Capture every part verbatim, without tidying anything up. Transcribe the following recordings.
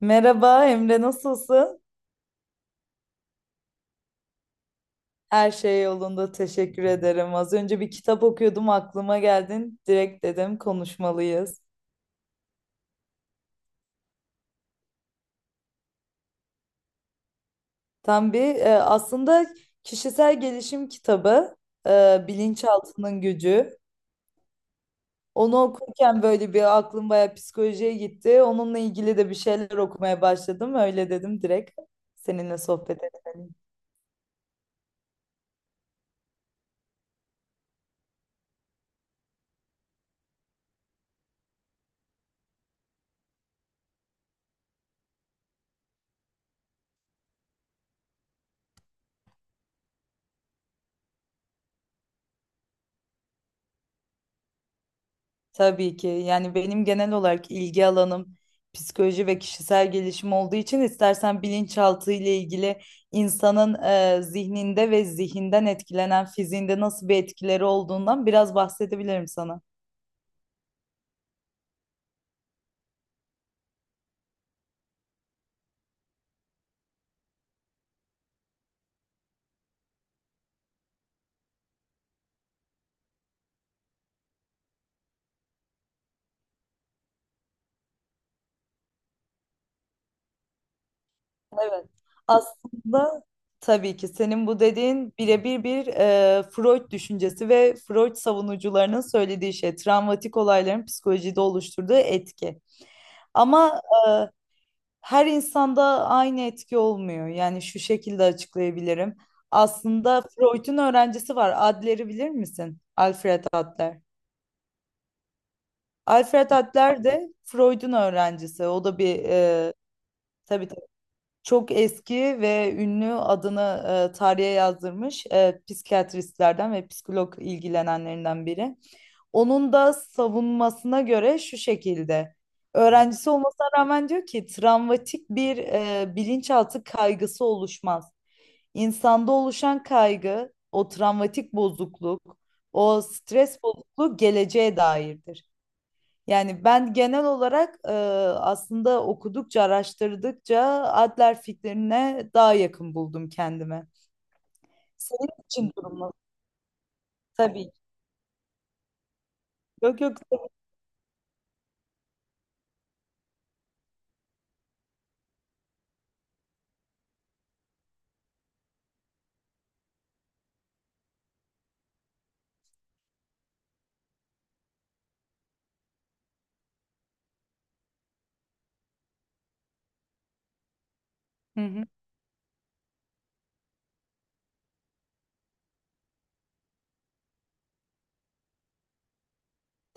Merhaba Emre, nasılsın? Her şey yolunda, teşekkür ederim. Az önce bir kitap okuyordum, aklıma geldin. Direkt dedim konuşmalıyız. Tam bir e, aslında kişisel gelişim kitabı, e, Bilinçaltının Gücü. Onu okurken böyle bir aklım bayağı psikolojiye gitti. Onunla ilgili de bir şeyler okumaya başladım. Öyle dedim direkt seninle sohbet edelim. Tabii ki. Yani benim genel olarak ilgi alanım psikoloji ve kişisel gelişim olduğu için istersen bilinçaltı ile ilgili insanın e, zihninde ve zihinden etkilenen fiziğinde nasıl bir etkileri olduğundan biraz bahsedebilirim sana. Evet. Aslında tabii ki senin bu dediğin birebir bir e, Freud düşüncesi ve Freud savunucularının söylediği şey, travmatik olayların psikolojide oluşturduğu etki. Ama her insanda aynı etki olmuyor. Yani şu şekilde açıklayabilirim. Aslında Freud'un öğrencisi var. Adler'i bilir misin? Alfred Adler. Alfred Adler de Freud'un öğrencisi. O da bir e, tabii çok eski ve ünlü adını e, tarihe yazdırmış e, psikiyatristlerden ve psikolog ilgilenenlerinden biri. Onun da savunmasına göre şu şekilde. Öğrencisi olmasına rağmen diyor ki travmatik bir e, bilinçaltı kaygısı oluşmaz. İnsanda oluşan kaygı, o travmatik bozukluk, o stres bozukluğu geleceğe dairdir. Yani ben genel olarak e, aslında okudukça, araştırdıkça Adler fikrine daha yakın buldum kendime. Senin için durum nasıl? Tabii. Yok yok. Hı hı,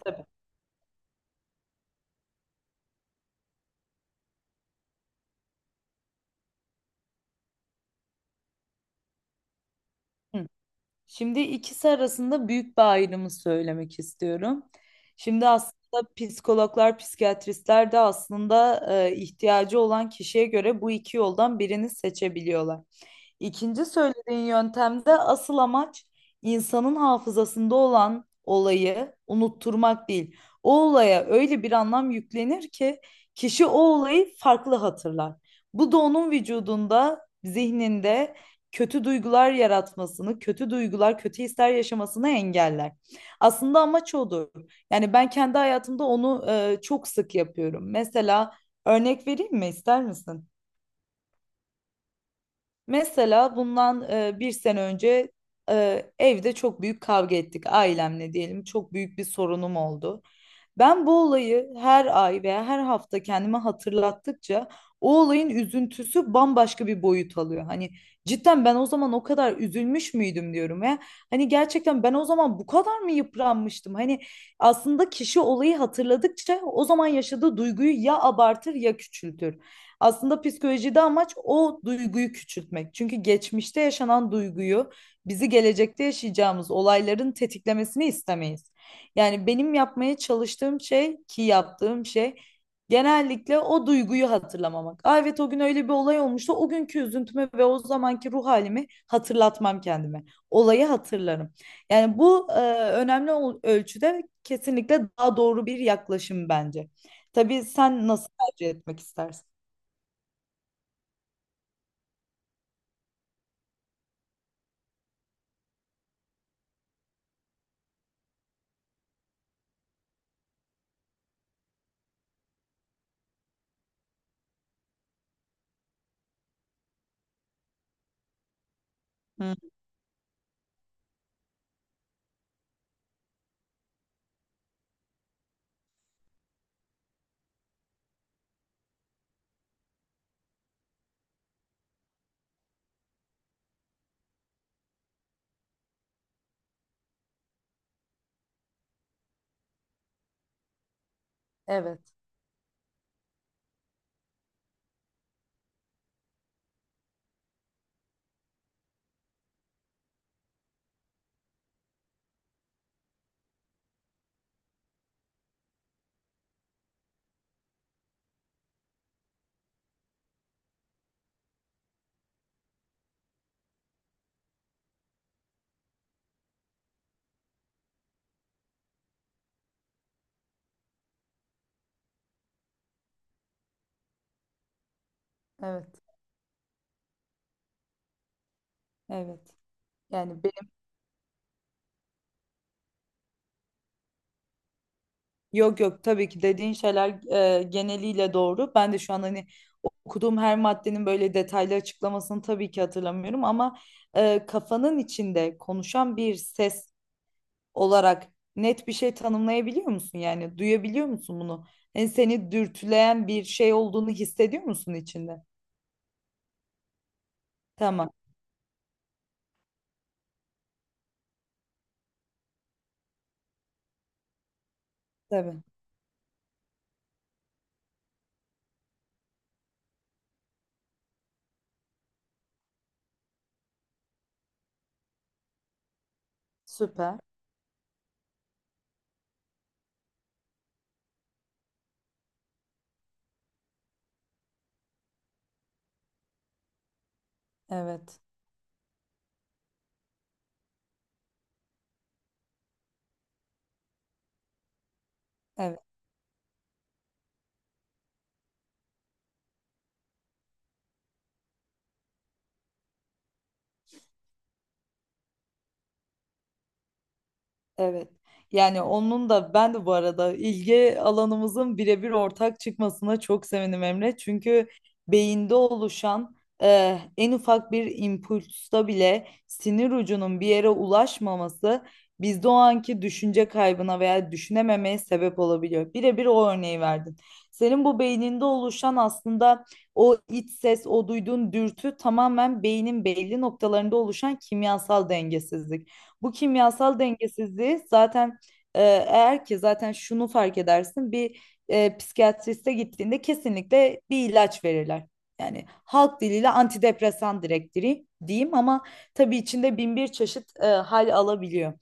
tabii. Hı. Şimdi ikisi arasında büyük bir ayrımı söylemek istiyorum. Şimdi aslında psikologlar, psikiyatristler de aslında e, ihtiyacı olan kişiye göre bu iki yoldan birini seçebiliyorlar. İkinci söylediğin yöntemde asıl amaç insanın hafızasında olan olayı unutturmak değil. O olaya öyle bir anlam yüklenir ki kişi o olayı farklı hatırlar. Bu da onun vücudunda, zihninde kötü duygular yaratmasını, kötü duygular, kötü hisler yaşamasını engeller. Aslında amaç odur. Yani ben kendi hayatımda onu e, çok sık yapıyorum. Mesela örnek vereyim mi ister misin? Mesela bundan e, bir sene önce e, evde çok büyük kavga ettik ailemle diyelim. Çok büyük bir sorunum oldu. Ben bu olayı her ay veya her hafta kendime hatırlattıkça o olayın üzüntüsü bambaşka bir boyut alıyor. Hani cidden ben o zaman o kadar üzülmüş müydüm diyorum ya. Hani gerçekten ben o zaman bu kadar mı yıpranmıştım? Hani aslında kişi olayı hatırladıkça o zaman yaşadığı duyguyu ya abartır ya küçültür. Aslında psikolojide amaç o duyguyu küçültmek. Çünkü geçmişte yaşanan duyguyu bizi gelecekte yaşayacağımız olayların tetiklemesini istemeyiz. Yani benim yapmaya çalıştığım şey ki yaptığım şey genellikle o duyguyu hatırlamamak. Aa, evet o gün öyle bir olay olmuştu. O günkü üzüntümü ve o zamanki ruh halimi hatırlatmam kendime. Olayı hatırlarım. Yani bu e, önemli ol- ölçüde kesinlikle daha doğru bir yaklaşım bence. Tabii sen nasıl tercih etmek istersin? Hı. Evet, evet, evet. Yani benim Yok yok, tabii ki dediğin şeyler e, geneliyle doğru. Ben de şu an hani okuduğum her maddenin böyle detaylı açıklamasını tabii ki hatırlamıyorum ama e, kafanın içinde konuşan bir ses olarak net bir şey tanımlayabiliyor musun? Yani duyabiliyor musun bunu? Yani seni dürtüleyen bir şey olduğunu hissediyor musun içinde? Tamam, tabii. Süper. Evet, evet. Evet. Yani onun da ben de bu arada ilgi alanımızın birebir ortak çıkmasına çok sevindim Emre. Çünkü beyinde oluşan eh, en ufak bir impulsta bile sinir ucunun bir yere ulaşmaması bizde o anki düşünce kaybına veya düşünememeye sebep olabiliyor. Birebir o örneği verdin. Senin bu beyninde oluşan aslında o iç ses, o duyduğun dürtü tamamen beynin belli noktalarında oluşan kimyasal dengesizlik. Bu kimyasal dengesizliği zaten e, eğer ki zaten şunu fark edersin bir e, psikiyatriste gittiğinde kesinlikle bir ilaç verirler. Yani halk diliyle antidepresan direkt diri- diyeyim ama tabii içinde bin bir çeşit e, hal alabiliyor.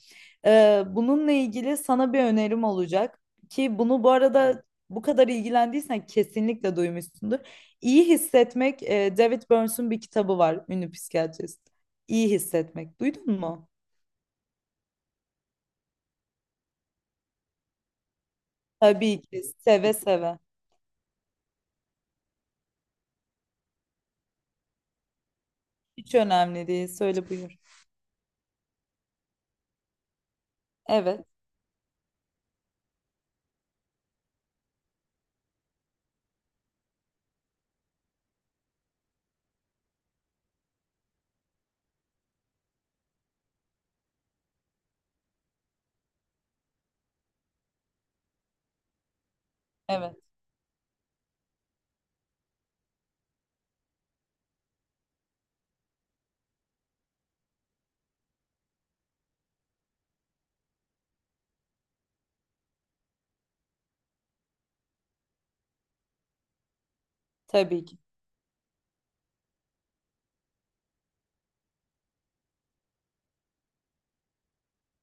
E, bununla ilgili sana bir önerim olacak ki bunu bu arada bu kadar ilgilendiysen kesinlikle duymuşsundur. İyi Hissetmek, e, David Burns'un bir kitabı var, ünlü psikiyatrist. İyi Hissetmek. Duydun mu? Tabii ki seve seve. Hiç önemli değil. Söyle buyur. Evet, evet. Tabii ki.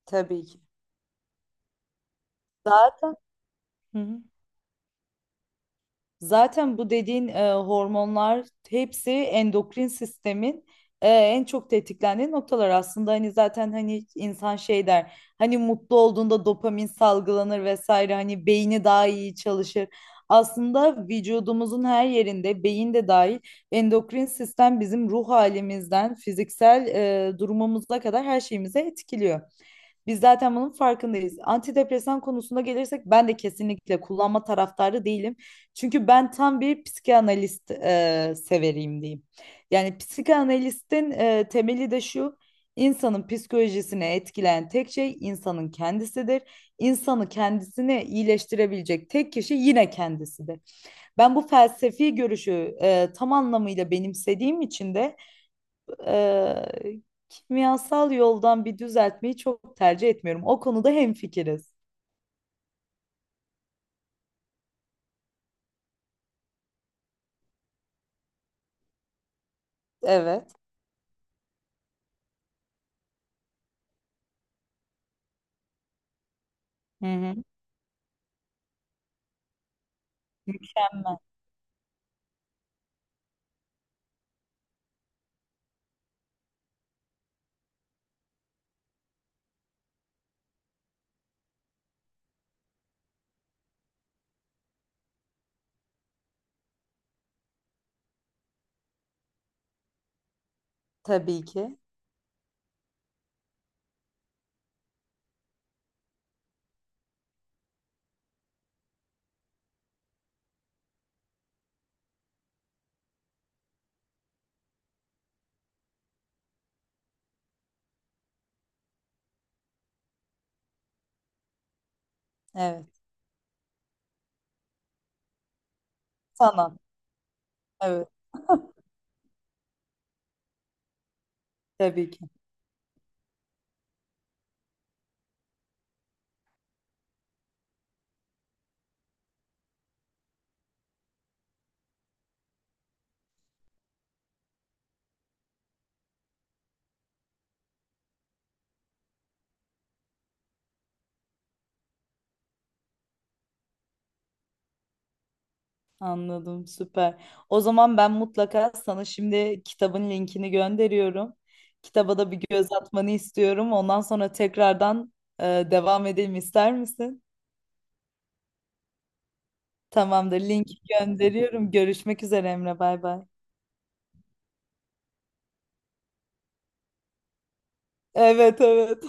Tabii ki. Zaten Hı hı. Zaten bu dediğin e, hormonlar hepsi endokrin sistemin e, en çok tetiklendiği noktalar aslında hani zaten hani insan şey der hani mutlu olduğunda dopamin salgılanır vesaire hani beyni daha iyi çalışır. Aslında vücudumuzun her yerinde beyin de dahil endokrin sistem bizim ruh halimizden fiziksel e, durumumuza kadar her şeyimize etkiliyor. Biz zaten bunun farkındayız. Antidepresan konusuna gelirsek ben de kesinlikle kullanma taraftarı değilim. Çünkü ben tam bir psikanalist e, severiyim diyeyim. Yani psikanalistin e, temeli de şu. İnsanın psikolojisini etkileyen tek şey insanın kendisidir. İnsanı kendisini iyileştirebilecek tek kişi yine kendisidir. Ben bu felsefi görüşü e, tam anlamıyla benimsediğim için de eee, kimyasal yoldan bir düzeltmeyi çok tercih etmiyorum. O konuda hemfikiriz. Evet. Hı hı. Mükemmel. Tabii ki. Evet. Sanat. Evet. Tabii ki. Anladım. Süper. O zaman ben mutlaka sana şimdi kitabın linkini gönderiyorum. Kitaba da bir göz atmanı istiyorum. Ondan sonra tekrardan eee, devam edelim ister misin? Tamamdır. Linki gönderiyorum. Görüşmek üzere Emre. Bay bay. Evet, evet.